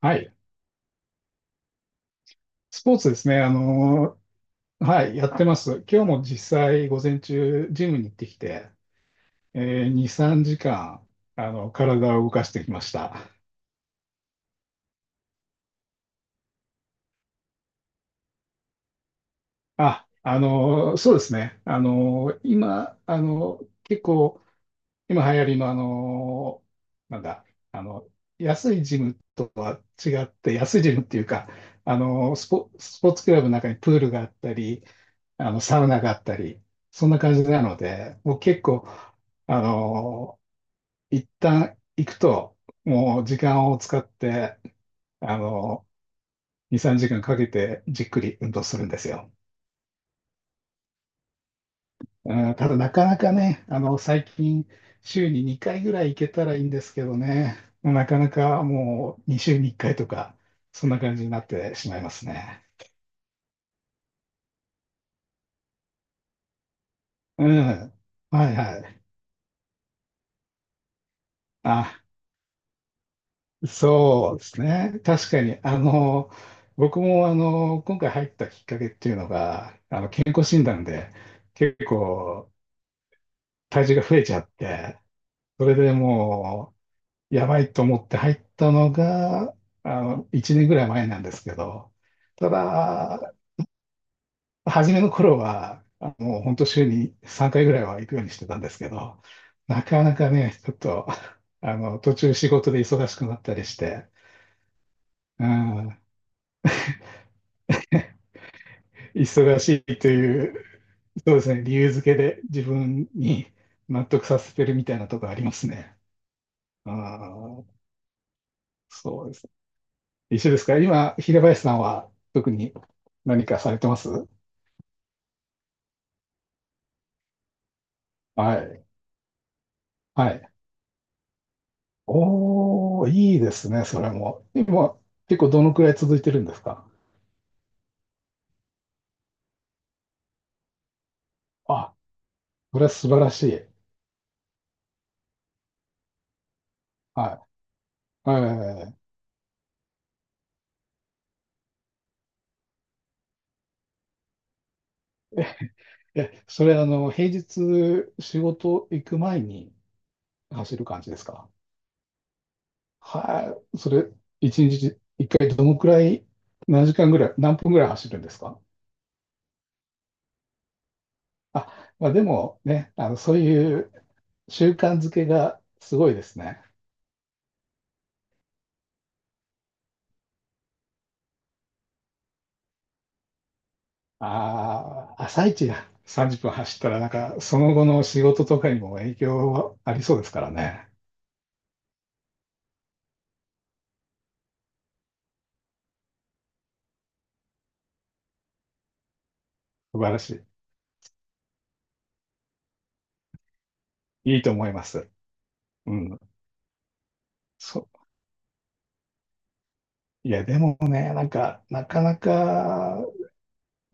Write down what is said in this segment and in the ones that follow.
はい。スポーツですね。はい、やってます。今日も実際、午前中、ジムに行ってきて、え2、3時間、体を動かしてきました。そうですね。今、結構、今流行りの、あのーなんだ、あの、安いジムとは違って、安いジムっていうか、スポーツクラブの中にプールがあったり、サウナがあったり、そんな感じなので、もう結構、あの、一旦行くと、もう時間を使って、あの、2、3時間かけてじっくり運動するんですよ。うん、ただなかなかね、最近週に2回ぐらい行けたらいいんですけどね、なかなかもう2週に1回とか、そんな感じになってしまいますね。うん。はいはい。あ、そうですね。確かに、僕も、今回入ったきっかけっていうのが、健康診断で結構体重が増えちゃって、それでもう、やばいと思って入ったのが、1年ぐらい前なんですけど、ただ、初めの頃は、本当週に3回ぐらいは行くようにしてたんですけど、なかなかね、ちょっと、途中仕事で忙しくなったりして、うん、忙しいという、そうですね、理由付けで自分に納得させてるみたいなとこありますね。ああ、そうです。一緒ですか？今、平林さんは特に何かされてます？はい。はい。おー、いいですね、それも。今、結構どのくらい続いてるんですか？あ、それは素晴らしい。はい。はいはいはいはい。え、それ平日仕事行く前に走る感じですか？はい。それ、一日一回どのくらい、何時間ぐらい、何分ぐらい走るんですか？あ、まあ、でもね、そういう習慣づけがすごいですね。ああ、朝一や30分走ったら、なんか、その後の仕事とかにも影響はありそうですからね。素晴らしい。いいと思います。うん。そいや、でもね、なんか、なかなか、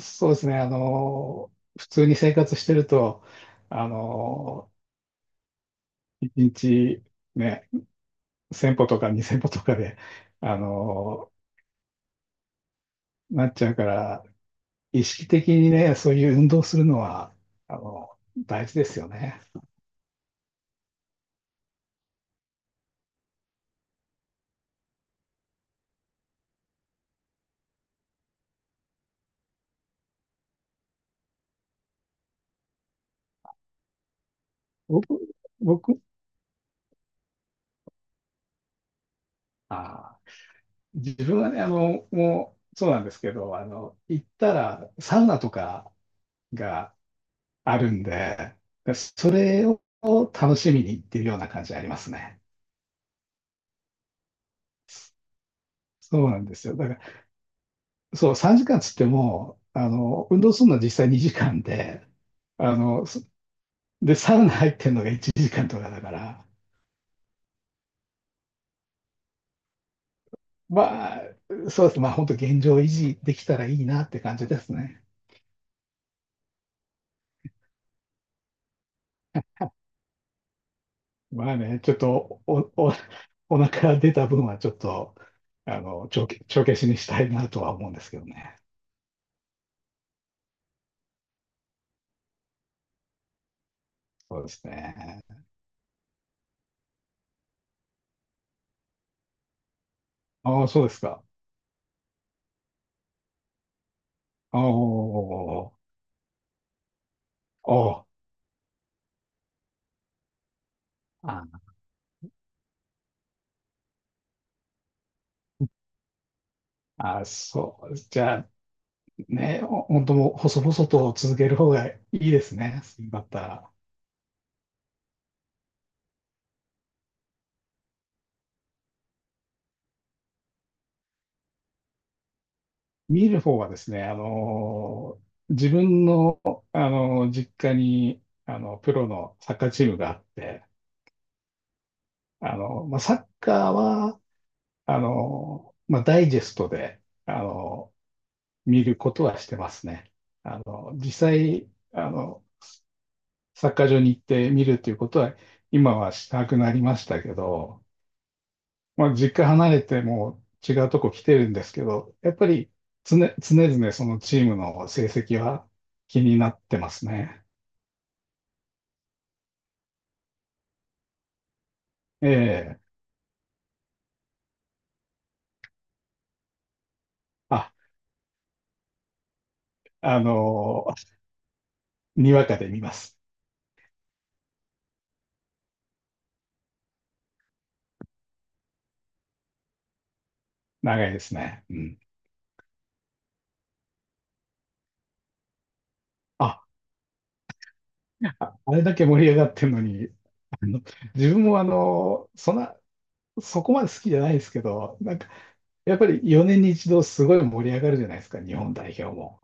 そうですね、普通に生活してると、あの一日ね、1000歩とか2000歩とかで、あの、なっちゃうから、意識的にね、そういう運動するのは、あの、大事ですよね。僕、僕、あー、自分はね、もう、そうなんですけど、行ったら、サウナとかがあるんで、それを楽しみに行ってるような感じありますね。そうなんですよ。だからそう、3時間つっても、運動するのは実際2時間で、あの、そサウナ入ってるのが1時間とかだから、まあ、そうですね。まあ、本当現状維持できたらいいなって感じですね。まあね、ちょっとお腹出た分はちょっと、帳消しにしたいなとは思うんですけどね。そうですね。ああ、そうですか。おあ、ああ、おーあーあー、そう。じゃあ、ね、本当もう細々と続ける方がいいですね、だた見る方はですね、自分の、実家に、プロのサッカーチームがあって、まあ、サッカーは、まあ、ダイジェストで、見ることはしてますね。実際、サッカー場に行って見るということは、今はしたくなりましたけど、まあ、実家離れてもう違うとこ来てるんですけど、やっぱり常々そのチームの成績は気になってますね。ええ。あ、あのにわかで見ます。長いですね。うん。あ、あれだけ盛り上がってるのに、あの、自分もそんな、そこまで好きじゃないですけど、なんか、やっぱり4年に一度すごい盛り上がるじゃないですか、日本代表も。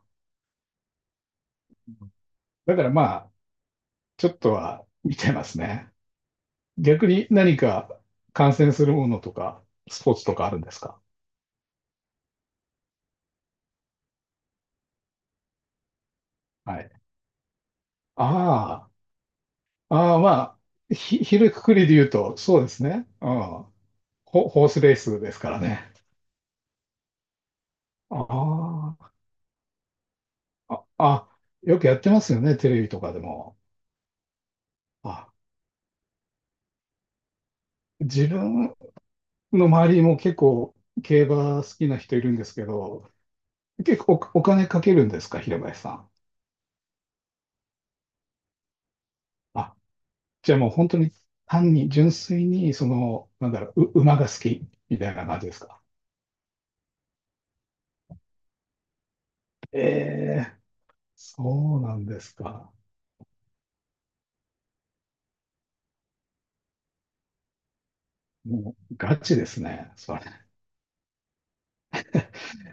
だからまあ、ちょっとは見てますね。逆に何か観戦するものとか、スポーツとかあるんですか？はい。ああ、ああ、まあ、ひるくくりで言うと、そうですね。うん。ホースレースですからね。ああ、あ、あ、よくやってますよね、テレビとかでも。あ、自分の周りも結構競馬好きな人いるんですけど、結構お金かけるんですか、平林さん？あ、じゃあもう本当に単に純粋に、その、なんだろう、馬が好きみたいな感じですか？ええ、そうなんですか。もうガチですね、それ。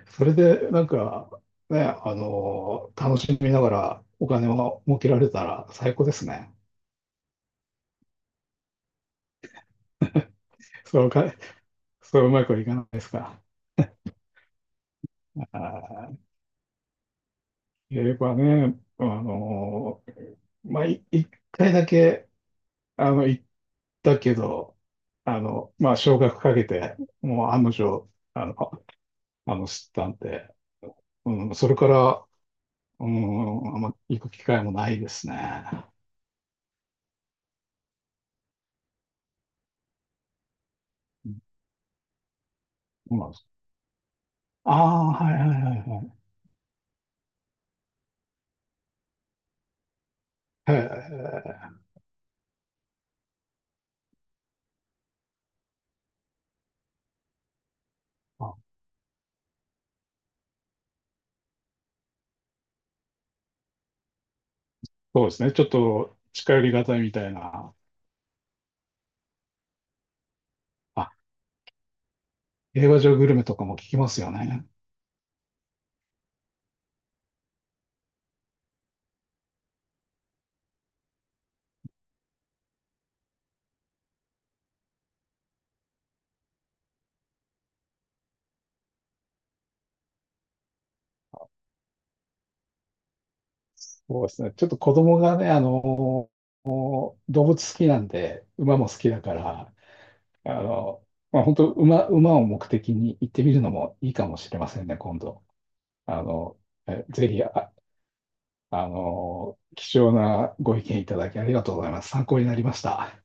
それで、なんか、ね、楽しみながらお金を儲けられたら最高ですね。そうか、そううまくいかないですか？あー英語はね、まあ、一回だけ、行ったけど、まあ、少額かけて、もう案の定、あの、知ったんで、うん、それから、うん、あんま行く機会もないですね。うん、そうです。ああー、はいはいはいはい。へえ、あ、そうですね。ちょっと近寄りがたいみたいな。あ、映画場グルメとかも聞きますよね。そうですね。ちょっと子供がね、動物好きなんで、馬も好きだから、あの、まあ、本当馬を目的に行ってみるのもいいかもしれませんね、今度。あの、ぜひ、貴重なご意見いただきありがとうございます。参考になりました。